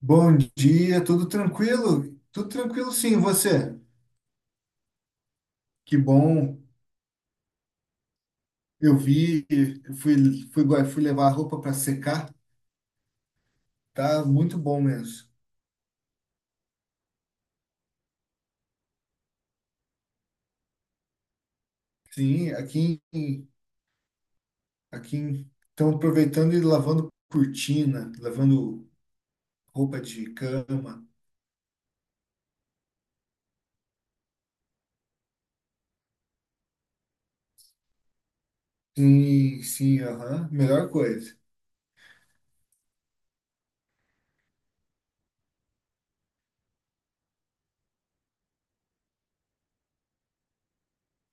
Bom dia, tudo tranquilo? Tudo tranquilo, sim, e você? Que bom. Eu vi, eu fui, fui levar a roupa para secar. Tá muito bom mesmo. Sim, estão aproveitando e lavando cortina, lavando roupa de cama. Sim, sim, aham, melhor coisa.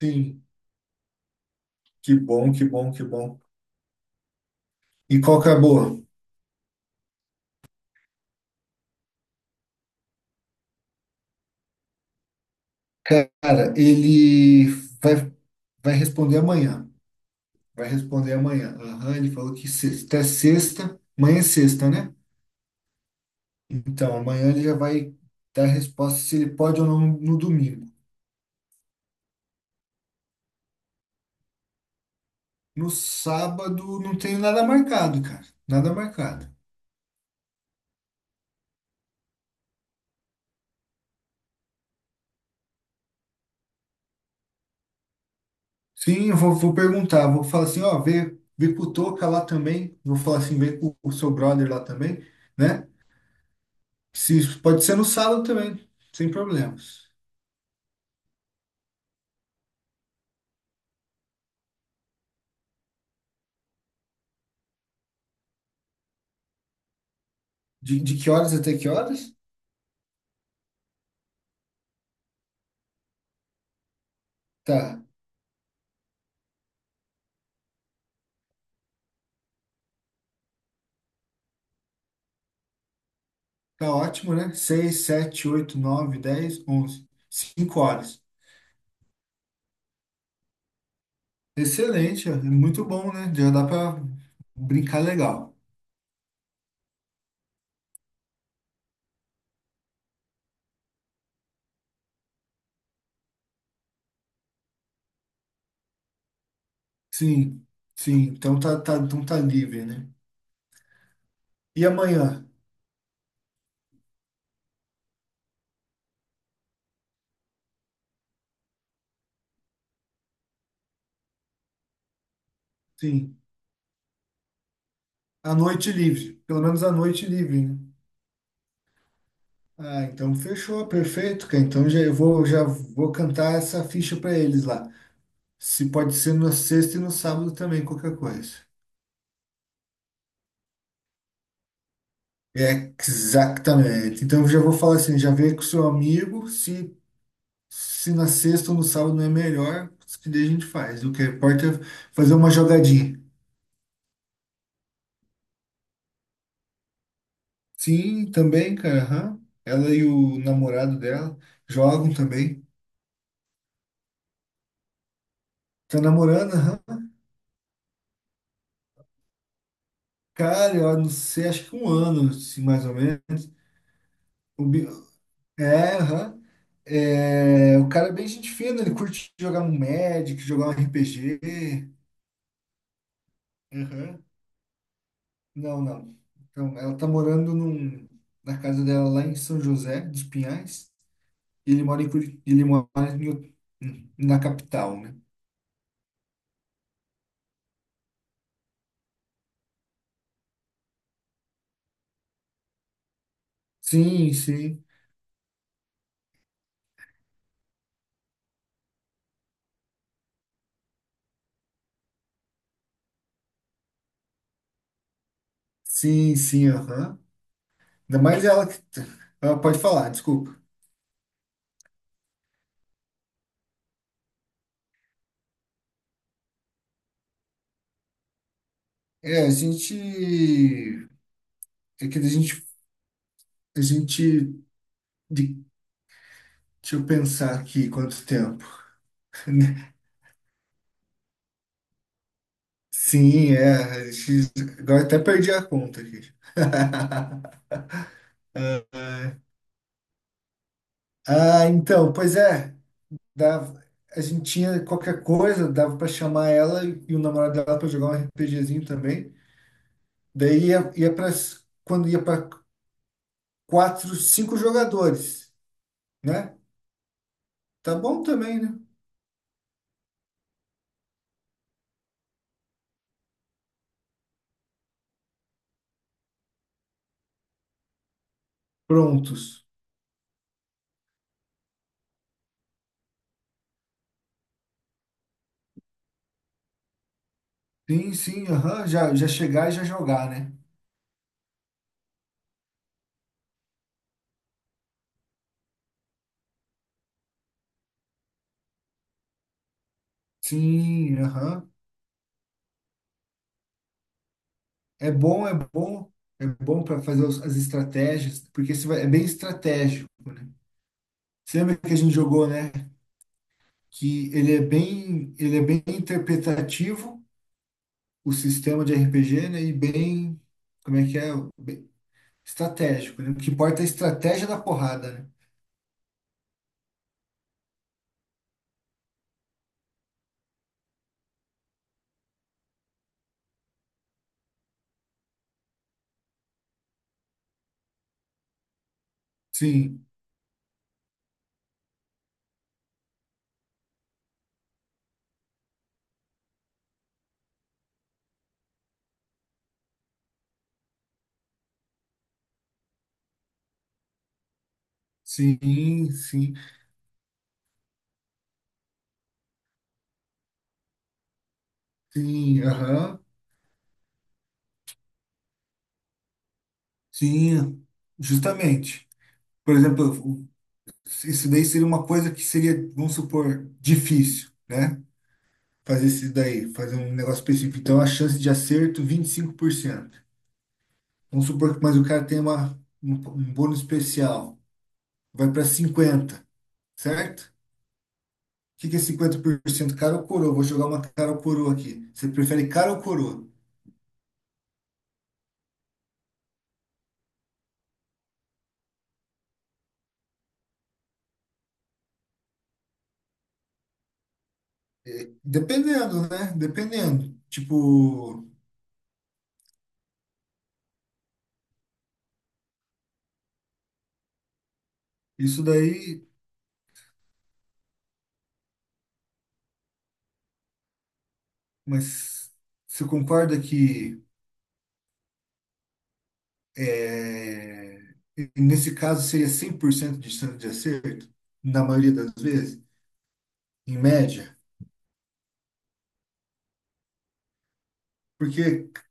Sim, que bom, que bom, que bom. E qual que é a boa? Cara, ele vai, vai responder amanhã. Vai responder amanhã. A ele falou que até sexta. Amanhã é sexta, né? Então, amanhã ele já vai dar a resposta se ele pode ou não no domingo. No sábado não tenho nada marcado, cara. Nada marcado. Sim, eu vou perguntar. Vou falar assim, ó, vê com o Toca lá também. Vou falar assim, vê com o seu brother lá também, né? Se, pode ser no sábado também, sem problemas. De que horas até que horas? Tá. Tá ótimo, né? Seis, sete, oito, nove, dez, onze, 5 horas. Excelente, é muito bom, né? Já dá para brincar legal. Sim, sim. Então tá, tá, então tá livre, né? E amanhã? Sim. A noite livre. Pelo menos a noite livre, né? Ah, então fechou, perfeito, cara. Então já eu vou, já vou cantar essa ficha para eles lá. Se pode ser na sexta e no sábado também, qualquer coisa. Exatamente. Então eu já vou falar assim, já vê com o seu amigo, se na sexta ou no sábado não é melhor, que daí a gente faz. O que importa é fazer uma jogadinha. Sim, também, cara. Aham. Ela e o namorado dela jogam também. Tá namorando, aham. Cara, eu não sei, acho que um ano, assim, mais ou menos. O bi- É, aham. É, o cara é bem gente fina, ele curte jogar um Magic, jogar um RPG. Aham. Não, não. Então, ela tá morando na casa dela lá em São José dos Pinhais. Ele mora em Curi... ele mora em Ut- na capital, né? Sim, sim. Sim, sim, aham. Ainda mais ela que. Ela pode falar, desculpa. É, a gente. É que a gente. A gente. de- Deixa eu pensar aqui quanto tempo. Sim, é. Agora até perdi a conta aqui. Ah, então, pois é. Dava, a gente tinha qualquer coisa, dava pra chamar ela e o namorado dela pra jogar um RPGzinho também. Daí ia, ia para quando ia para quatro, cinco jogadores, né? Tá bom também, né? Prontos. Sim, sim, aham. Já chegar e já jogar, né? Sim, aham. É bom, é bom. É bom para fazer as estratégias, porque é bem estratégico, né? Você lembra que a gente jogou, né? Que ele é bem interpretativo, o sistema de RPG, né? E bem, como é que é? Bem estratégico, né? O que importa é a estratégia da porrada, né? Sim, sim, sim, sim, aham, sim, justamente. Por exemplo, isso daí seria uma coisa que seria, vamos supor, difícil, né? Fazer isso daí, fazer um negócio específico. Então, a chance de acerto, 25%. Vamos supor que, mas o cara tem um bônus especial, vai para 50, certo? O que que é 50%? Cara ou coroa? Vou jogar uma cara ou coroa aqui. Você prefere cara ou coroa? Dependendo, né? Dependendo. Tipo. Isso daí, mas você concorda que é, nesse caso seria 100% de chance de acerto, na maioria das vezes, em média? Porque,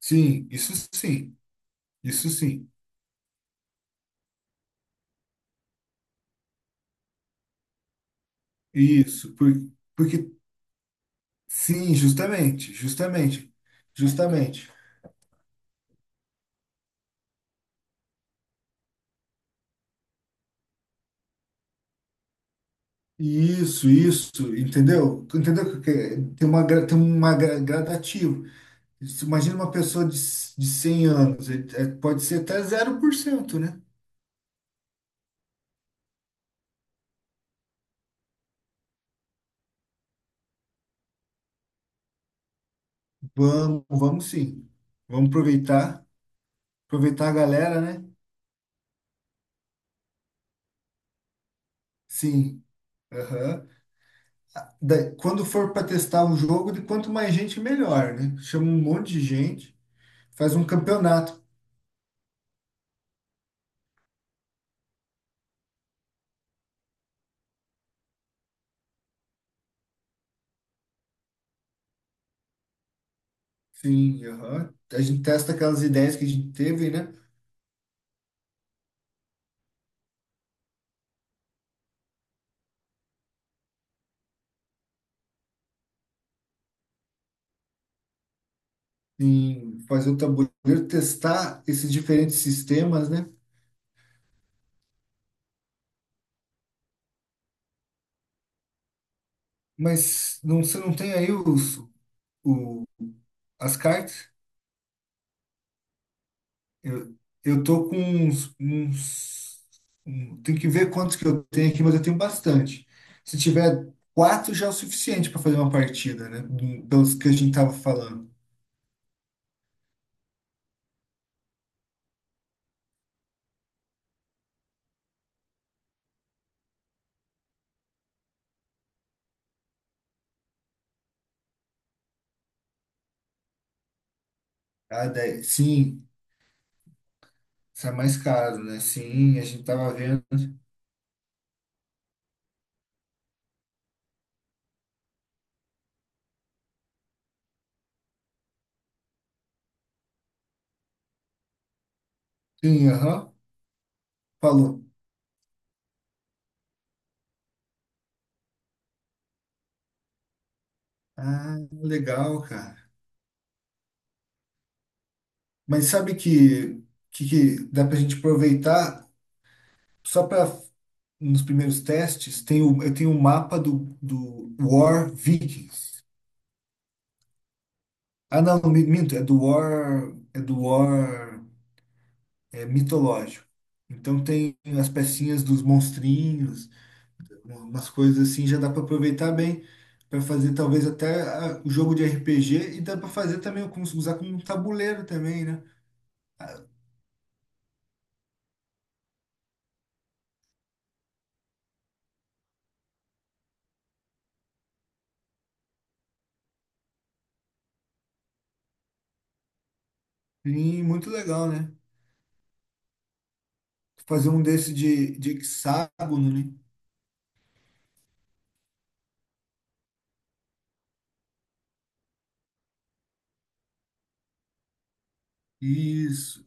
sim, isso sim, isso sim, isso, por, porque, sim, justamente, justamente, justamente. Isso, entendeu? Tu entendeu é? Tem uma, gradativo. Isso. Imagina uma pessoa de 100 anos, é, pode ser até 0%, né? Vamos, vamos sim. Vamos aproveitar a galera, né? Sim. Aham. Quando for para testar um jogo, de quanto mais gente, melhor, né? Chama um monte de gente, faz um campeonato. Sim, aham. A gente testa aquelas ideias que a gente teve, né? Em fazer o tabuleiro, testar esses diferentes sistemas, né? Mas não, você não tem aí o, as cartas? Eu, eu tô com tem que ver quantos que eu tenho aqui, mas eu tenho bastante. Se tiver quatro já é o suficiente para fazer uma partida, né? Pelos que a gente tava falando. Ah, sim, isso é mais caro, né? Sim, a gente tava vendo. Sim, aham, falou. Ah, legal, cara. Mas sabe que, que dá pra gente aproveitar só para nos primeiros testes? Eu tenho um mapa do War Vikings. Ah, não, minto, é do War, mitológico. Então tem as pecinhas dos monstrinhos, umas coisas assim, já dá para aproveitar bem para fazer talvez até o jogo de RPG e dá para fazer também com, usar como um tabuleiro também, né? E muito legal, né? Fazer um desse de hexágono, né? Isso.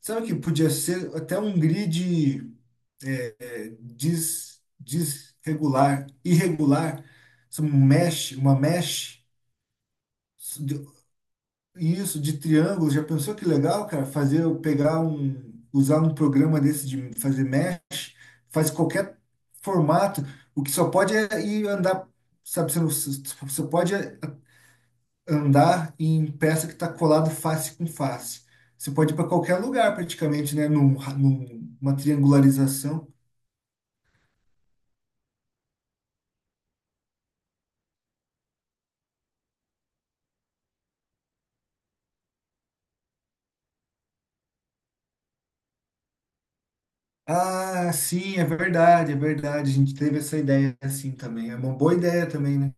Sabe o que podia ser até um grid desregular, irregular, isso mesh, uma mesh, isso de isso de triângulo, já pensou que legal, cara? Fazer eu pegar um, usar um programa desse de fazer mesh, faz qualquer formato, o que só pode é ir andar, sabe, você, não, você pode andar em peça que está colado face com face. Você pode ir para qualquer lugar praticamente, né? Numa triangularização. Ah, sim, é verdade, é verdade. A gente teve essa ideia assim também. É uma boa ideia também, né?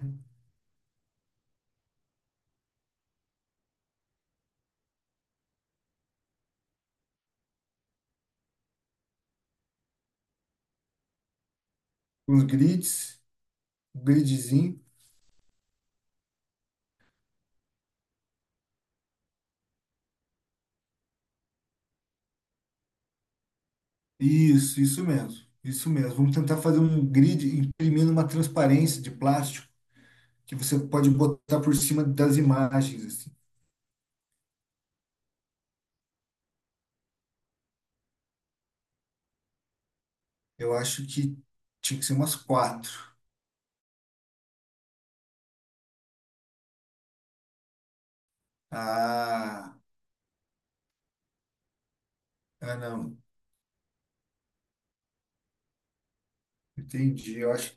Os grids, um gridzinho. Isso mesmo. Isso mesmo. Vamos tentar fazer um grid imprimindo uma transparência de plástico que você pode botar por cima das imagens, assim. Eu acho que tinha que ser umas quatro. Ah, ah, não. Entendi. Eu acho.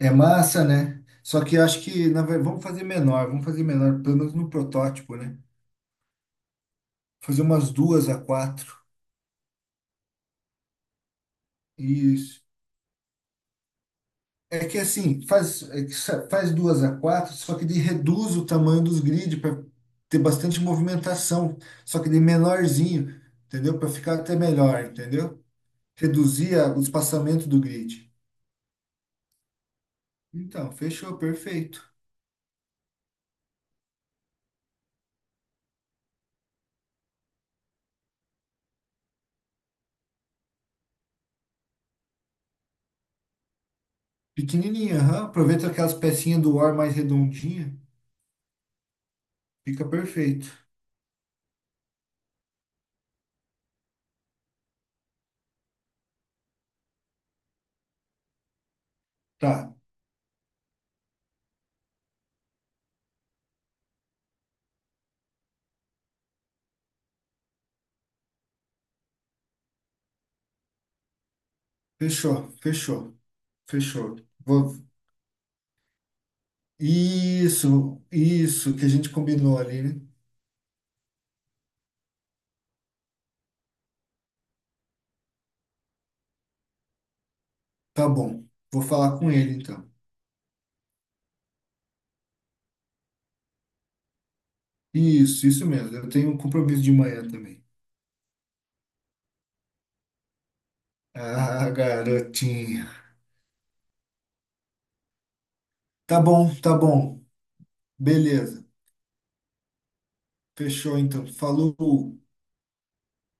É massa, né? Só que eu acho que, na verdade, vamos fazer menor, pelo menos no protótipo, né? Fazer umas duas a quatro. Isso. É que assim, faz duas a quatro, só que ele reduz o tamanho dos grids para ter bastante movimentação, só que de menorzinho, entendeu? Para ficar até melhor, entendeu? Reduzir o espaçamento do grid. Então, fechou, perfeito. Pequenininha, aham. Aproveita aquelas pecinhas do ar mais redondinha, fica perfeito. Tá, fechou, fechou, fechou. Vou- Isso, isso que a gente combinou ali, né? Tá bom, vou falar com ele então. Isso mesmo. Eu tenho um compromisso de manhã também. Ah, garotinha. Tá bom, tá bom. Beleza. Fechou então. Falou.